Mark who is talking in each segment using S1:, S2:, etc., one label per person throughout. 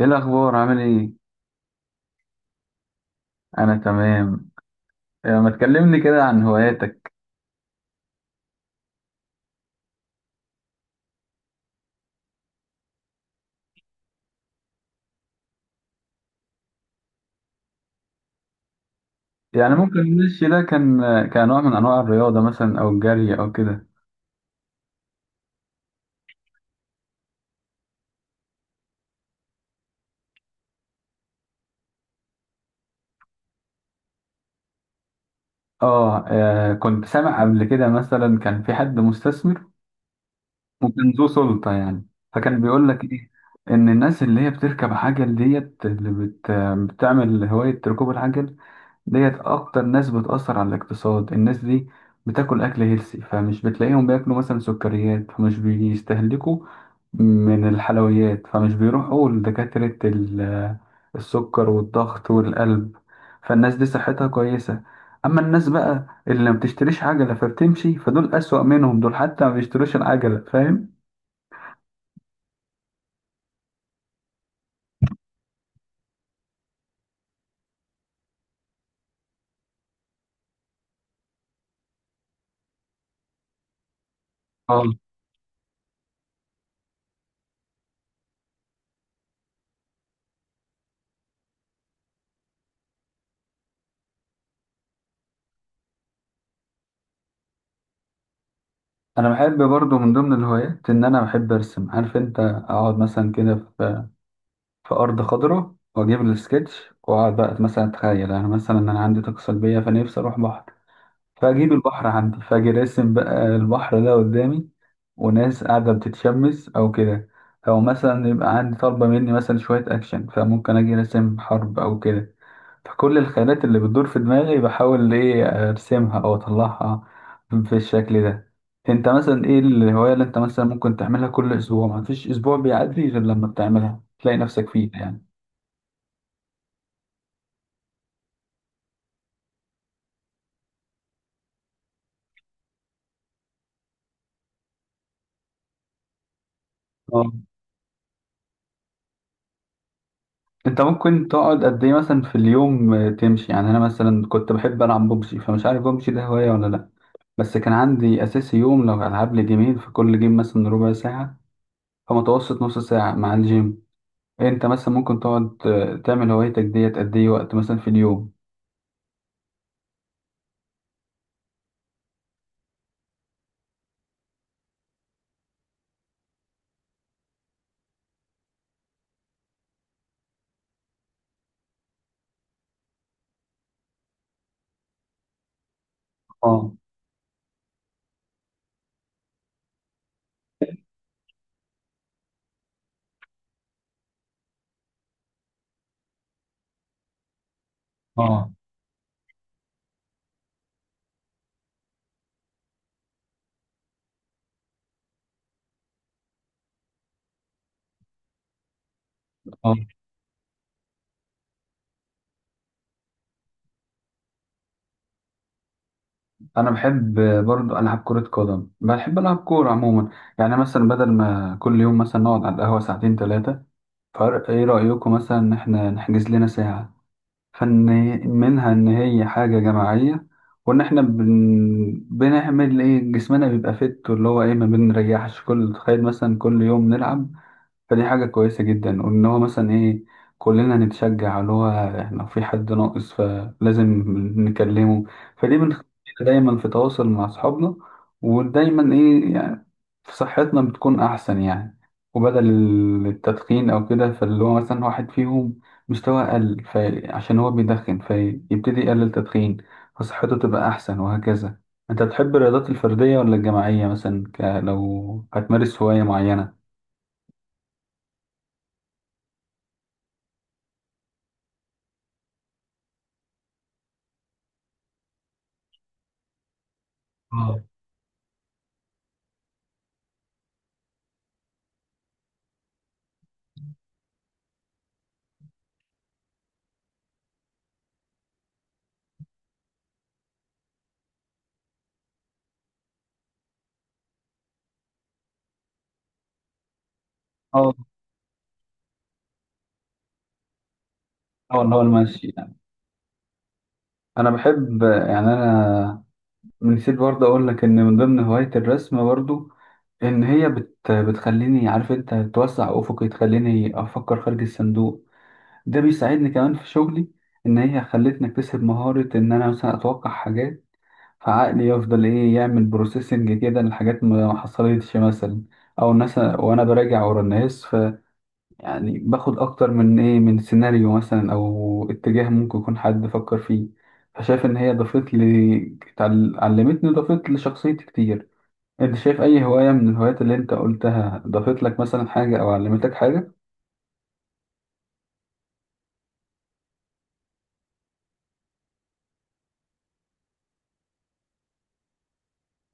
S1: ايه الاخبار؟ عامل ايه؟ انا تمام. ما تكلمني كده عن هواياتك؟ يعني ممكن المشي ده كان نوع من انواع الرياضه، مثلا او الجري او كده. اه. كنت سامع قبل كده مثلا كان في حد مستثمر وكان ذو سلطه يعني، فكان بيقول لك ايه؟ ان الناس اللي هي بتركب عجل ديت، اللي بتعمل هوايه ركوب العجل ديت، اكتر ناس بتأثر على الاقتصاد. الناس دي بتاكل اكل هيلسي، فمش بتلاقيهم بياكلوا مثلا سكريات، فمش بيستهلكوا من الحلويات، فمش بيروحوا لدكاترة السكر والضغط والقلب، فالناس دي صحتها كويسة. اما الناس بقى اللي ما بتشتريش عجلة فبتمشي، فدول اسوأ منهم، دول حتى ما بيشتروش العجلة، فاهم؟ اه. انا بحب برضو من ضمن الهوايات ان انا بحب ارسم. عارف انت، اقعد مثلا كده في أرض خضراء، وأجيب السكتش وأقعد بقى، مثلا أتخيل أنا، مثلا عندي طاقة سلبية فنفسي أروح بحر، فأجيب البحر عندي، فأجي راسم بقى البحر ده قدامي وناس قاعدة بتتشمس أو كده، أو مثلا يبقى عندي طالبة مني مثلا شوية أكشن، فممكن أجي راسم حرب أو كده. فكل الخيالات اللي بتدور في دماغي بحاول إيه أرسمها أو أطلعها في الشكل ده. أنت مثلا إيه الهواية اللي أنت مثلا ممكن تعملها كل أسبوع، مفيش أسبوع بيعدي غير لما بتعملها تلاقي نفسك فيه يعني؟ اه. انت ممكن تقعد قد ايه مثلا في اليوم، تمشي يعني؟ انا مثلا كنت بحب العب ببجي، فمش عارف ببجي ده هوايه ولا لا، بس كان عندي اساسي يوم لو العب لي جيمين، في كل جيم مثلا ربع ساعه، فمتوسط نص ساعه مع الجيم. انت مثلا ممكن تقعد تعمل هوايتك ديت قد ايه وقت مثلا في اليوم؟ اه، اه، اه، انا بحب برضو العب كره قدم، بحب العب كوره عموما. يعني مثلا بدل ما كل يوم مثلا نقعد على القهوه ساعتين ثلاثه، فرق ايه رايكم مثلا ان احنا نحجز لنا ساعه؟ فإن منها إن هي حاجة جماعية، وإن إحنا بنعمل إيه، جسمنا بيبقى فت، اللي هو إيه، ما بنريحش. كل تخيل مثلا كل يوم نلعب، فدي حاجة كويسة جدا. وإن هو مثلا إيه، كلنا نتشجع، اللي هو إحنا لو في حد ناقص فلازم نكلمه، فدي بنخلينا دايما في تواصل مع أصحابنا، ودايما إيه يعني صحتنا بتكون أحسن يعني. وبدل التدخين أو كده، فاللي هو مثلا واحد فيهم مستوى أقل فعشان هو بيدخن، فيبتدي يقلل تدخين فصحته تبقى أحسن، وهكذا. أنت تحب الرياضات الفردية ولا الجماعية، مثلا لو هتمارس هواية معينة؟ اه، اه، اه، اللي هو المشي يعني. أنا بحب يعني، أنا نسيت برضه أقول لك إن من ضمن هواية الرسم برضه، إن هي بتخليني، عارف أنت، توسع أفقي، تخليني أفكر خارج الصندوق، ده بيساعدني كمان في شغلي. ان هي خلتني اكتسب مهارة ان انا مثلا اتوقع حاجات، فعقلي يفضل ايه يعمل بروسيسنج كده لحاجات ما حصلتش مثلا، او مثلا وانا براجع ورا الناس، ف يعني باخد اكتر من ايه، من سيناريو مثلا او اتجاه ممكن يكون حد فكر فيه. فشايف ان هي ضافت لي، علمتني، ضافت لشخصيتي كتير. انت شايف اي هواية من الهوايات اللي انت قلتها ضافت لك مثلا حاجة او علمتك حاجة؟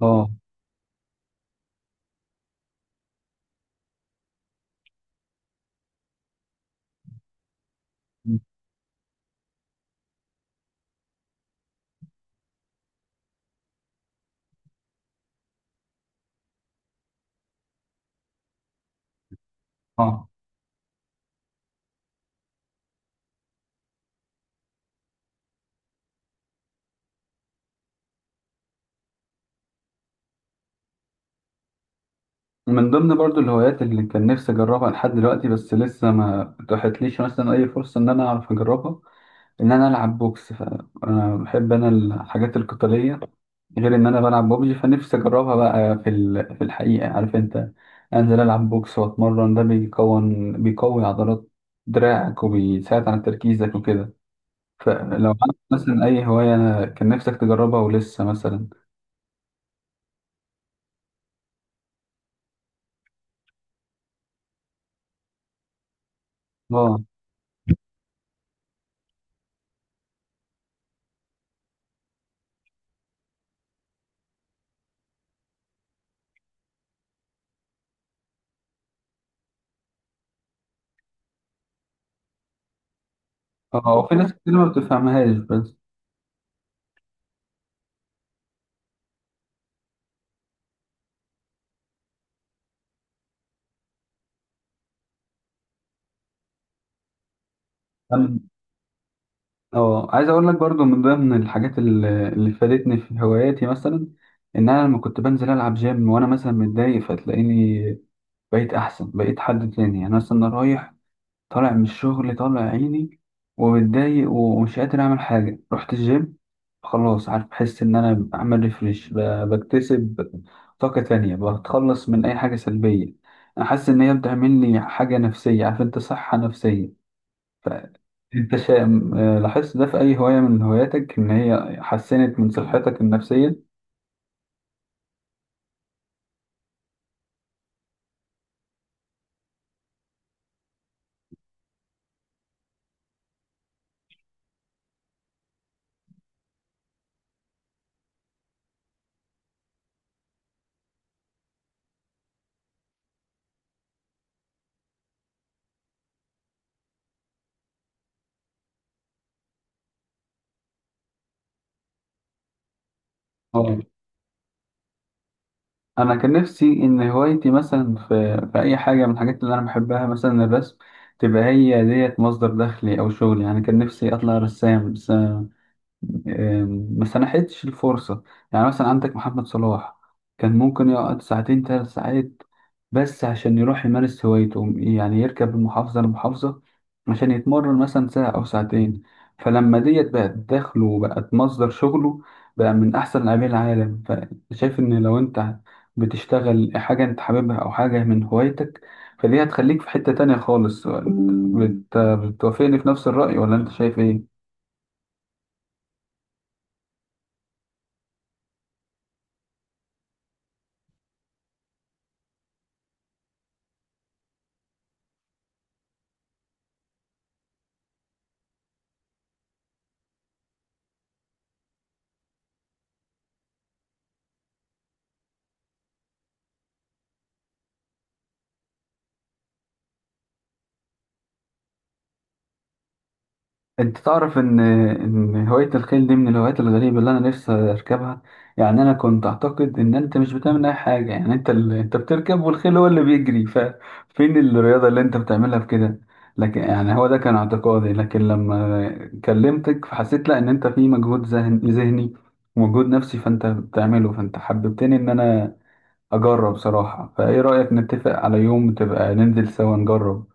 S1: اه، اه، من ضمن برضو الهوايات اللي كان نفسي أجربها لحد دلوقتي، بس لسه ما اتاحتليش مثلا أي فرصة إن أنا أعرف أجربها، إن أنا ألعب بوكس، فأنا بحب أنا الحاجات القتالية، غير إن أنا بلعب ببجي فنفسي أجربها بقى في في الحقيقة، عارف أنت، أنزل ألعب بوكس وأتمرن، ده بيكون بيقوي عضلات دراعك وبيساعد على تركيزك وكده. فلو عندك مثلا أي هواية أنا كان نفسك تجربها ولسه مثلا؟ آه، آه، وفي ناس كتير ما بتفهمهاش، بس. اه، عايز اقول لك برضو من ضمن الحاجات اللي فادتني في هواياتي مثلا، ان انا لما كنت بنزل العب جيم وانا مثلا متضايق، فتلاقيني بقيت احسن، بقيت حد تاني يعني. مثلا أنا رايح طالع من الشغل، طالع عيني ومتضايق ومش قادر اعمل حاجه، رحت الجيم خلاص، عارف، بحس ان انا بعمل ريفريش، بكتسب طاقه تانية، بتخلص من اي حاجه سلبيه. انا حاسس ان هي بتعمل لي حاجه نفسيه، عارف انت، صحه نفسيه. انت لاحظت ده في اي هواية من هواياتك، ان هي حسنت من صحتك النفسية؟ اه. انا كان نفسي ان هوايتي مثلا في اي حاجة من الحاجات اللي انا بحبها، مثلا الرسم، تبقى هي ديت مصدر دخلي او شغلي يعني. كان نفسي اطلع رسام، بس ما سنحتش الفرصة. يعني مثلا عندك محمد صلاح، كان ممكن يقعد ساعتين ثلاث ساعات بس عشان يروح يمارس هوايته، يعني يركب من محافظة لمحافظة عشان يتمرن مثلا ساعة أو ساعتين، فلما ديت بقت دخله وبقت مصدر شغله، بقى من أحسن لاعبين العالم. فشايف إن لو أنت بتشتغل حاجة أنت حاببها أو حاجة من هوايتك، فدي هتخليك في حتة تانية خالص. بتوافقني في نفس الرأي ولا أنت شايف إيه؟ انت تعرف ان هوايه الخيل دي من الهوايات الغريبه اللي انا نفسي اركبها؟ يعني انا كنت اعتقد ان انت مش بتعمل اي حاجه، يعني انت انت بتركب والخيل هو اللي بيجري، ففين الرياضه اللي انت بتعملها في كده؟ لكن يعني هو ده كان اعتقادي، لكن لما كلمتك فحسيت لا، ان انت في مجهود ذهني ومجهود نفسي فانت بتعمله، فانت حببتني ان انا اجرب صراحه. فايه رايك نتفق على يوم تبقى ننزل سوا نجرب؟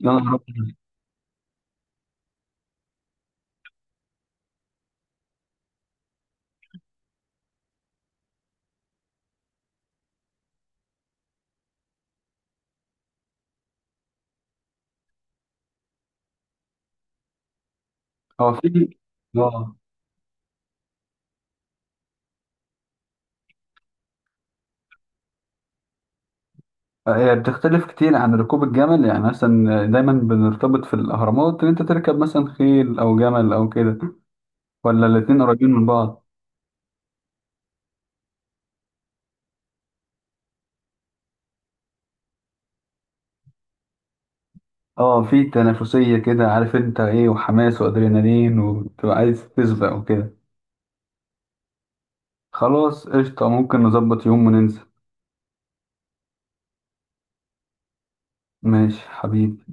S1: يلا نروح. اه، في. اه، هي بتختلف كتير عن ركوب الجمل؟ يعني مثلا دايما بنرتبط في الأهرامات إن أنت تركب مثلا خيل أو جمل أو كده، ولا الاتنين قريبين من بعض؟ اه، في تنافسية كده، عارف انت ايه، وحماس وأدرينالين وتبقى عايز تسبق وكده. خلاص، قشطة، ممكن نظبط يوم وننزل. ماشي حبيبي.